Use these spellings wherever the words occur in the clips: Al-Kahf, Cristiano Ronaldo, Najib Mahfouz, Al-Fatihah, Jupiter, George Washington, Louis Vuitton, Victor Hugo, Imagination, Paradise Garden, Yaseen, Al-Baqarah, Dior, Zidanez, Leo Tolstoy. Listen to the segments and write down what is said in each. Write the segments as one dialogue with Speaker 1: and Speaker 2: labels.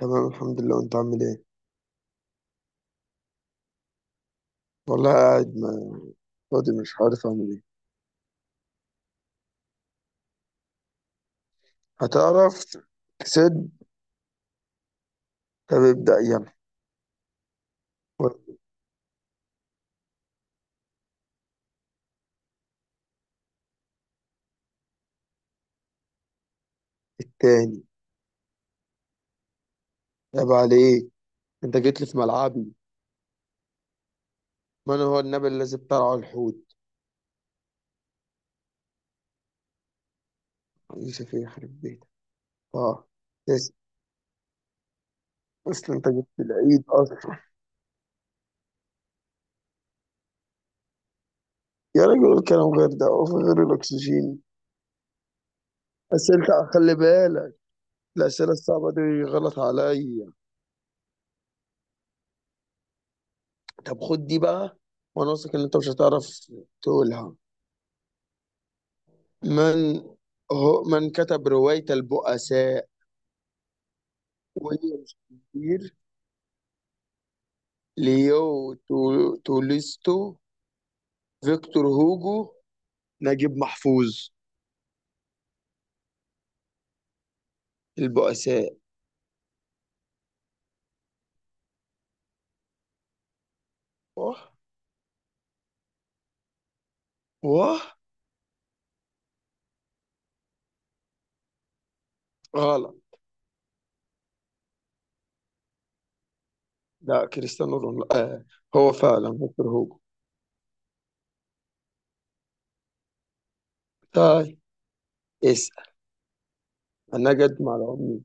Speaker 1: تمام، الحمد لله. وانت عامل ايه؟ والله قاعد ما فاضي، مش عارف اعمل ايه. هتعرف تسد. طب ابدأ يلا. التاني. عيب عليك، انت جيت لي في ملعبي. من هو النبي الذي ابتلعه الحوت؟ يوسف يخرب بيتك. اه. بس. اصل انت جبت العيد اصلا. يا راجل الكلام غير ده، وفي غير الاكسجين. اسئله خلي بالك. الاسئله الصعبه دي غلط عليا. طب خد دي بقى، وانا واثق ان انت مش هتعرف تقولها. من هو من كتب رواية البؤساء؟ ويليام شكسبير، ليو تولستو، فيكتور هوجو، نجيب محفوظ. البؤساء. واه. واه. غلط. لا، كريستيانو رونالدو. آه، هو فعلا فيكتور هوجو. طيب، اسأل. النجد مع العملة.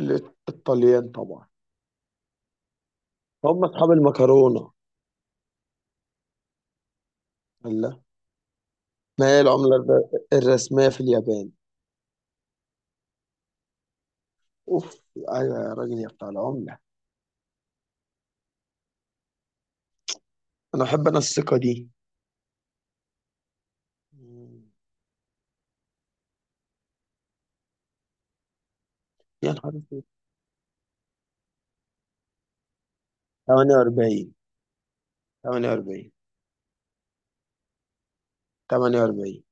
Speaker 1: الطليان طبعا. هم أصحاب المكرونة. الله. ما هي العملة الرسمية في اليابان؟ أوف، أيوة يا راجل يا بتاع العملة. أنا الثقة دي. مم. يا نهار اسود. 48. 48. 48.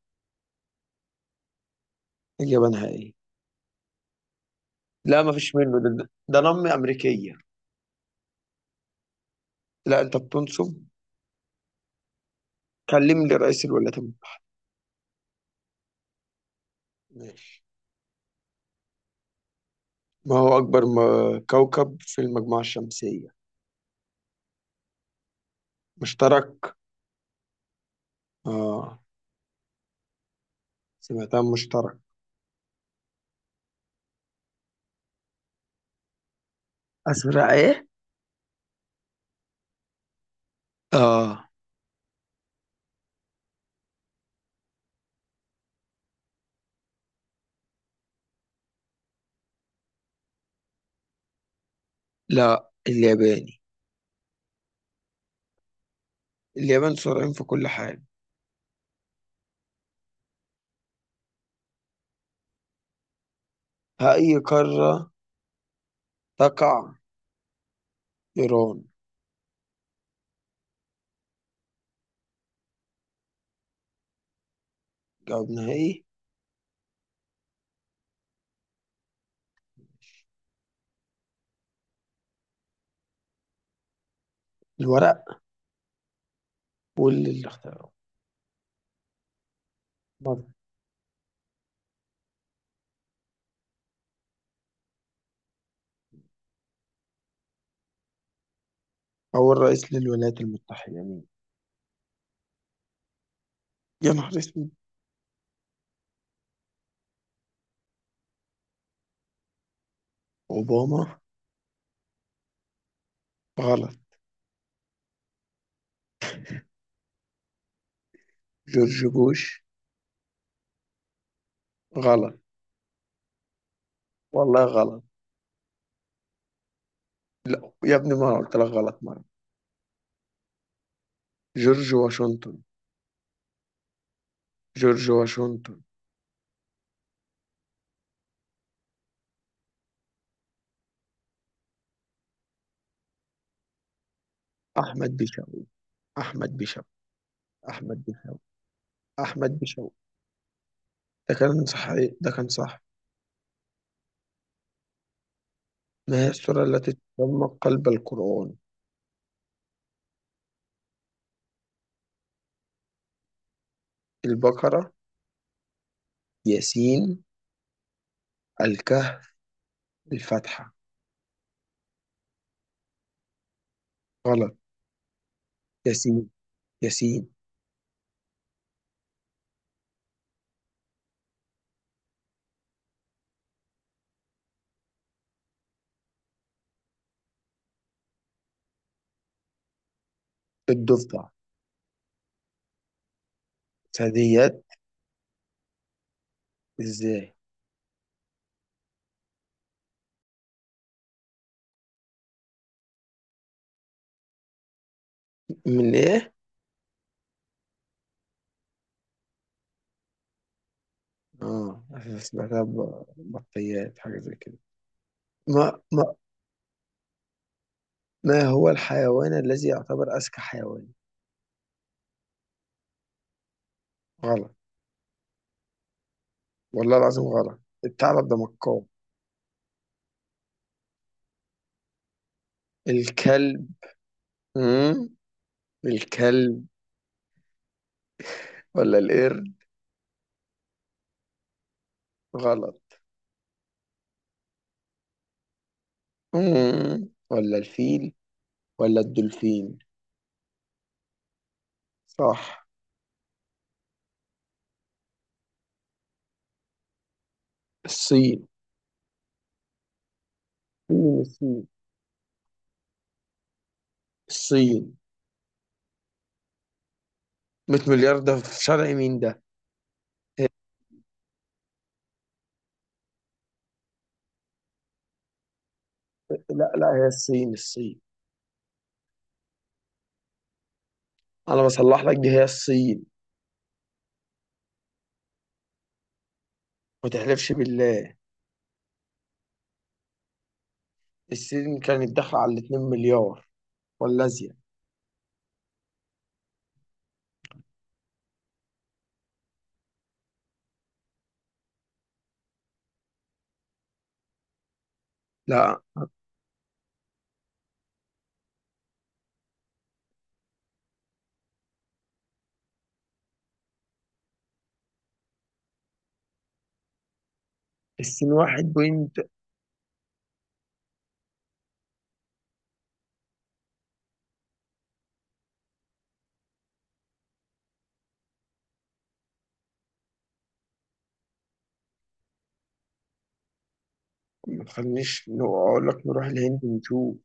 Speaker 1: إجابة نهائية. لا ما فيش منه، ده نم أمريكية. لا أنت بتنصب. كلم لي رئيس الولايات المتحدة. ماشي. ما هو أكبر كوكب في المجموعة الشمسية؟ مشترك. آه، سمعتها مشترك. أزرق إيه؟ آه. لا، الياباني. اليابان سرعين في كل حاجة. ها، أي قارة تقع إيران؟ جواب نهائي. الورق واللي اختاره. أول رئيس للولايات المتحدة مين؟ يا نهار اسود. أوباما. غلط. جورج بوش. غلط. والله غلط. لا يا ابني، ما أنا قلت لك غلط مرة. جورج واشنطن. جورج واشنطن. أحمد بيشاوي. أحمد بيشاوي. أحمد بيشاوي. أحمد بيشاوي. ده كان صحيح، ده كان صح. ما هي السورة التي تسمى قلب القرآن؟ البقرة، ياسين، الكهف، الفاتحة. غلط. ياسين. ياسين. الضفدع. ثدييات؟ ازاي؟ من ايه؟ اه، سمعتها بطيات حاجة زي كده. ما ما ما هو الحيوان الذي يعتبر أذكى حيوان؟ غلط. والله العظيم غلط، الثعلب ده مكار. الكلب. مم. الكلب ولا القرد؟ غلط. ولا الفيل. ولا الدولفين. صح. الصين. مين الصين؟ الصين. 100 مليار ده في شرع مين ده؟ لا لا، هي الصين الصين. انا بصلح لك، دي هي الصين. ما تحلفش بالله. السين كانت داخلة على الاتنين مليار، ولا زيادة. لا. السين واحد بوينت. ما تخلينيش أقول لك نروح الهند نشوف.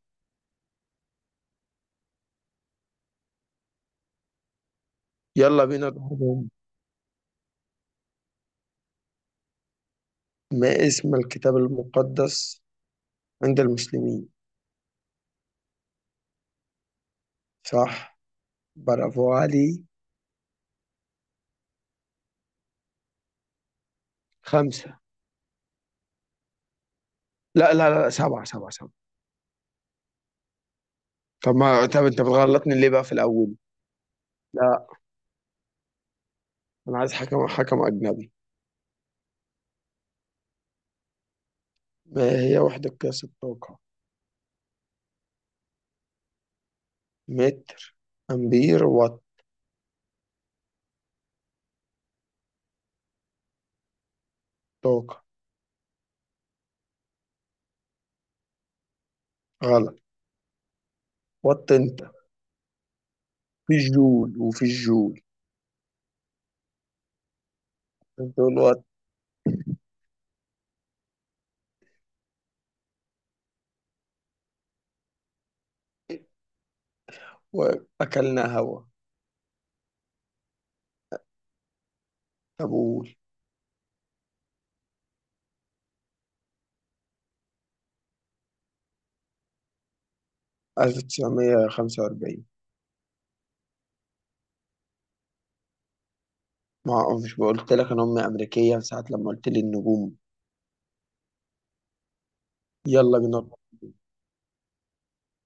Speaker 1: يلا بينا نروح الهند. ما اسم الكتاب المقدس عند المسلمين؟ صح، برافو علي. خمسة. لا لا لا، سبعة سبعة سبعة. طب ما طب أنت بتغلطني ليه بقى في الأول؟ لا. أنا عايز حكم أجنبي. ما هي وحدة قياس الطاقة؟ متر، أمبير، وات، طاقة. غلط. وات. أنت في الجول، وفي الجول طول الوقت. وأكلنا هوا. كابول. 1945. ما هو، مش قلت لك أنا أمي أمريكية ساعة لما قلت لي النجوم. يلا بينا.